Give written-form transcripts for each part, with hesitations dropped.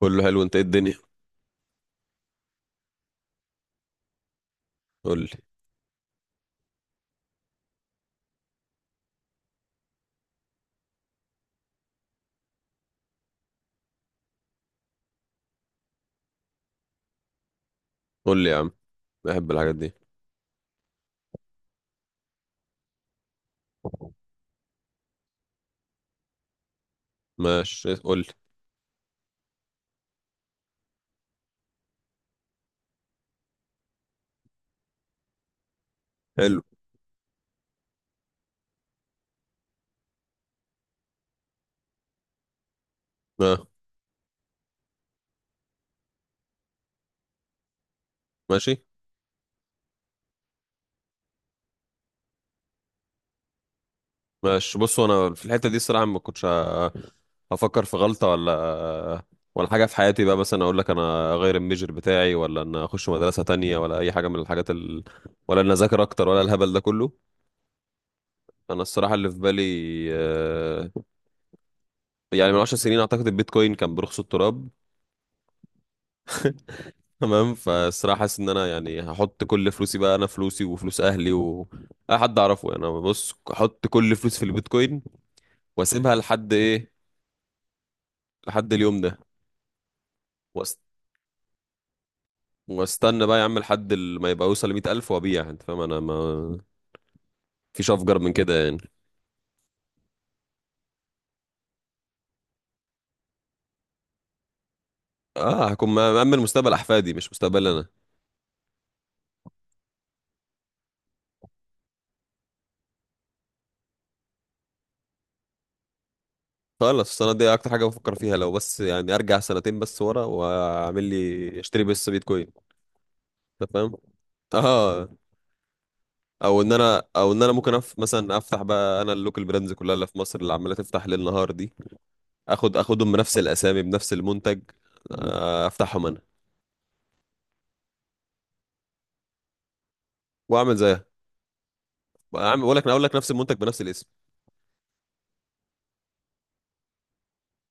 كله حلو، انت ايه الدنيا؟ قول لي. قول لي يا عم. بحب الحاجات دي. ماشي، قول لي. حلو. اه. ماشي. ماشي، بص انا في الحته دي الصراحه ما كنتش هفكر في غلطه ولا حاجه في حياتي، بقى مثلا اقول لك انا اغير الميجر بتاعي ولا ان اخش مدرسه تانية ولا اي حاجه من الحاجات ولا ان اذاكر اكتر ولا الهبل ده كله. انا الصراحه اللي في بالي، آه، يعني من 10 سنين اعتقد البيتكوين كان برخص التراب. تمام، فالصراحة حاسس ان انا يعني هحط كل فلوسي، بقى انا فلوسي وفلوس اهلي و اي حد اعرفه، يعني انا بص احط كل فلوس في البيتكوين، واسيبها لحد ايه؟ لحد اليوم ده. وأست... واستنى بقى يا عم لحد ما يبقى يوصل ل100 ألف وابيع، انت فاهم؟ انا ما فيش افجر من كده يعني. اه، هكون مأمن مستقبل احفادي مش مستقبل انا. خلاص السنة دي اكتر حاجة بفكر فيها لو بس يعني ارجع سنتين بس ورا واعمل لي اشتري بس بيتكوين، انت فاهم؟ اه. او ان انا ممكن مثلا افتح بقى انا اللوكال براندز كلها اللي في مصر اللي عماله تفتح ليل نهار دي، اخدهم بنفس الاسامي بنفس المنتج. افتحهم انا، واعمل زيها. اعمل، اقول لك نفس المنتج بنفس الاسم.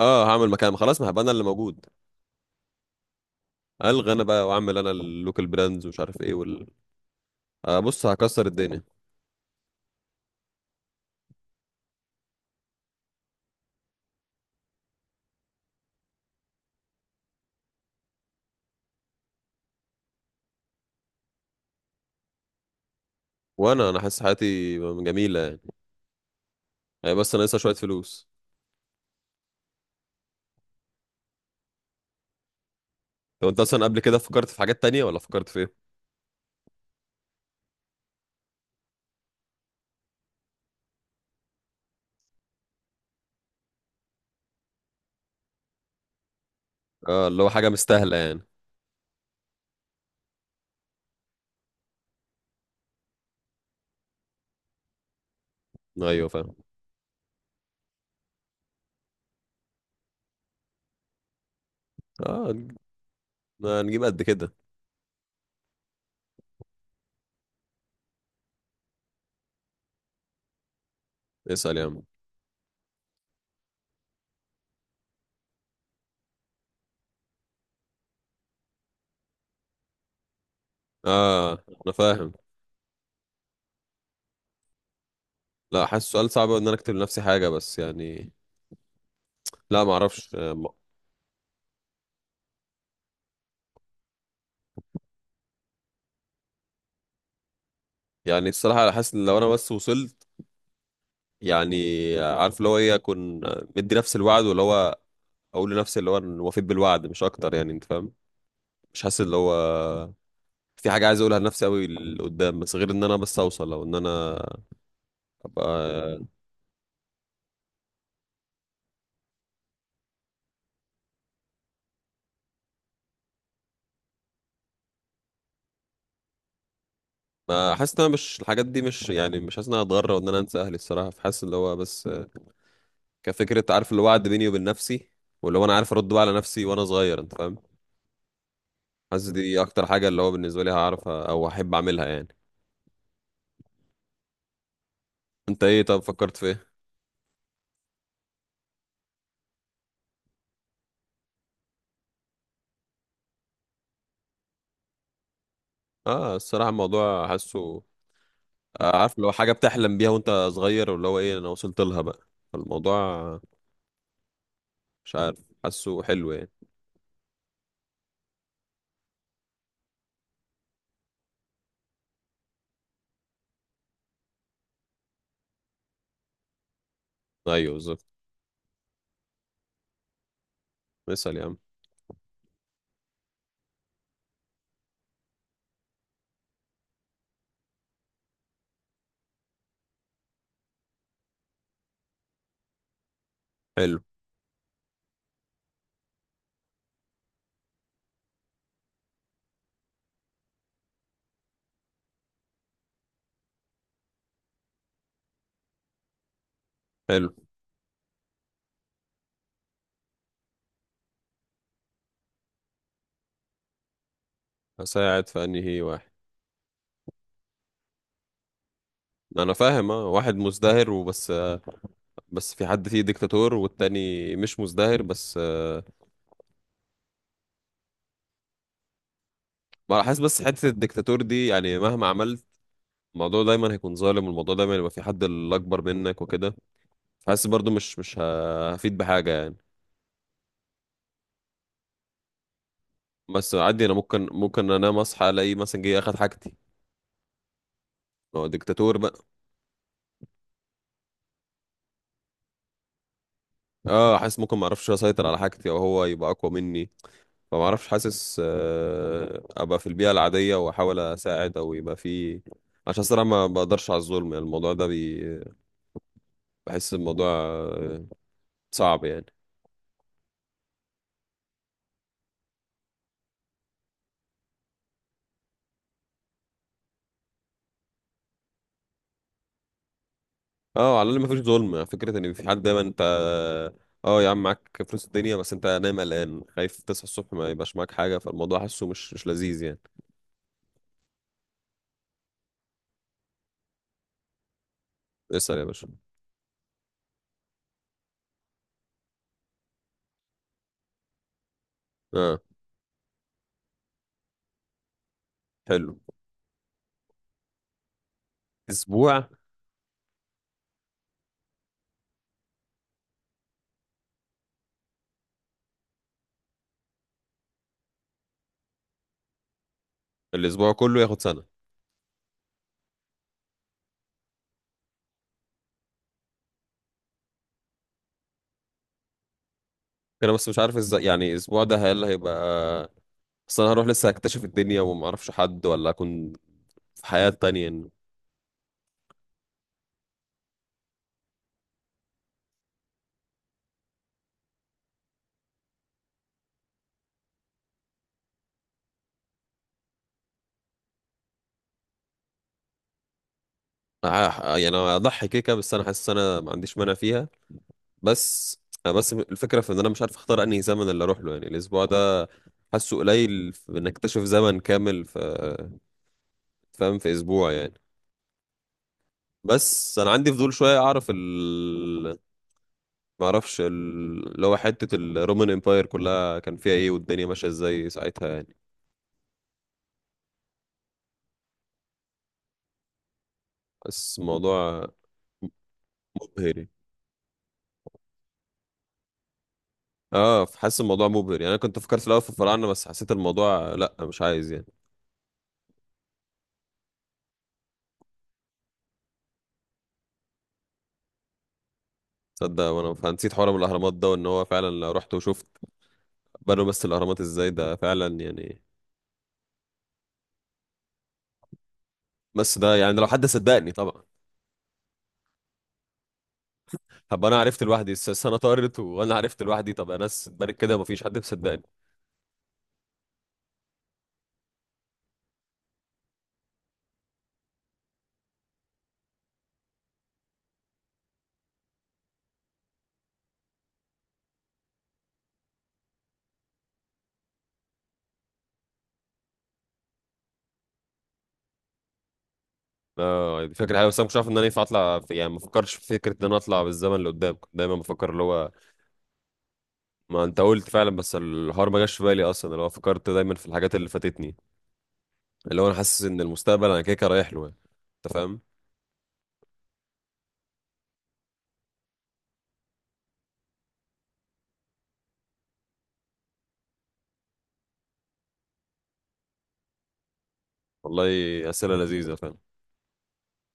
اه، هعمل مكان، خلاص ما هبقى انا اللي موجود. الغى انا بقى واعمل انا اللوكال براندز ومش عارف ايه بص هكسر الدنيا. وانا حاسس حياتي جميله يعني. هي بس انا لسه شويه فلوس. لو انت اصلا قبل كده فكرت في حاجات تانية ولا فكرت في ايه؟ اه اللي هو حاجه مستاهله يعني. ايوه فاهم. اه، هنجيب قد كده. اسأل يا عم. اه. انا فاهم. لا، حاسس سؤال صعب أوي ان انا اكتب لنفسي حاجة، بس يعني لا ما اعرفش، يعني الصراحة حاسس ان لو انا بس وصلت يعني، عارف اللي هو ايه؟ اكون مدي نفسي الوعد، واللي هو اقول لنفسي اللي هو أنا وفيت بالوعد، مش اكتر يعني، انت فاهم؟ مش حاسس اللي هو في حاجة عايز اقولها لنفسي قوي لقدام، بس غير ان انا بس اوصل او ان انا ابقى. ما حاسس ان انا، مش الحاجات دي، مش يعني مش حاسس ان انا هتغرى وان انا انسى اهلي الصراحة، فحاسس اللي هو بس كفكرة عارف اللي هو وعد بيني وبين نفسي، واللي هو انا عارف ارد بقى على نفسي وانا صغير، انت فاهم؟ حاسس دي اكتر حاجة اللي هو بالنسبة لي هعرف او احب اعملها يعني. انت ايه؟ طب فكرت في ايه؟ اه الصراحة الموضوع حاسه عارف اللي هو، حاجة بتحلم بيها وانت صغير واللي هو ايه؟ انا وصلت لها بقى، فالموضوع مش عارف، حاسه حلو يعني. ايوه بالظبط. مثل يا عم. حلو. حلو. هساعد في انهي واحد. انا فاهم. اه، واحد مزدهر وبس، بس في حد فيه ديكتاتور، والتاني مش مزدهر بس. ما انا حاسس بس حته الدكتاتور دي يعني مهما عملت الموضوع دايما هيكون ظالم، والموضوع دايما يبقى في حد الاكبر منك وكده. حاسس برضو مش هفيد بحاجه يعني. بس عادي، انا ممكن انام اصحى الاقي مثلا جه اخد حاجتي. ما هو دكتاتور بقى. اه، حاسس ممكن ما اعرفش اسيطر على حاجتي، او هو يبقى اقوى مني، فما اعرفش. حاسس ابقى في البيئه العاديه واحاول اساعد، او يبقى في، عشان الصراحه ما بقدرش على الظلم يعني، الموضوع ده بحس الموضوع صعب يعني. اه، على الاقل مفيش ظلم، فكره ان في حد دايما انت. اه يا عم، معاك فلوس الدنيا بس انت نايم قلقان خايف تصحى الصبح ما يبقاش معاك حاجه، فالموضوع حاسه مش لذيذ يعني. اسال يا باشا. اه. حلو. اسبوع. الاسبوع كله ياخد سنه؟ انا بس مش عارف ازاي يعني الاسبوع ده هل هيبقى، اصل انا هروح لسه اكتشف الدنيا وما اعرفش حد ولا اكون في حياه تانية يعني. يعني اضحي كيكه، بس انا حاسس انا ما عنديش مانع فيها. بس أنا بس الفكرة في ان انا مش عارف اختار انهي زمن اللي اروح له يعني الاسبوع ده. حاسه قليل في انك تكتشف زمن كامل في، فاهم، في اسبوع يعني. بس انا عندي فضول شوية اعرف ما اعرفش اللي هو حتة الرومان امباير كلها كان فيها ايه والدنيا ماشية ازاي ساعتها يعني. بس الموضوع مبهر يعني. اه حاسس الموضوع مبهر يعني، انا كنت فكرت في الاول في الفراعنة، بس حسيت الموضوع لا مش عايز يعني. تصدق وانا فنسيت حوار من الاهرامات ده، وان هو فعلا لو رحت وشفت بنوا بس الاهرامات ازاي، ده فعلا يعني. بس ده يعني لو حد صدقني طبعا. طب انا عرفت لوحدي، السنه طارت وانا عرفت لوحدي، طب يا ناس اتبنت كده ومفيش حد مصدقني. اه دي فكره حلوه، بس انا مش عارف ان انا ينفع اطلع في، يعني ما بفكرش في فكره ان انا اطلع بالزمن لقدام، كنت دايما بفكر اللي هو. ما انت قلت فعلا، بس الحوار ما جاش في بالي اصلا، اللي هو فكرت دايما في الحاجات اللي فاتتني، اللي هو انا حاسس ان المستقبل انا كده كده رايح له يعني. انت فاهم. والله اسئله لذيذه فعلا.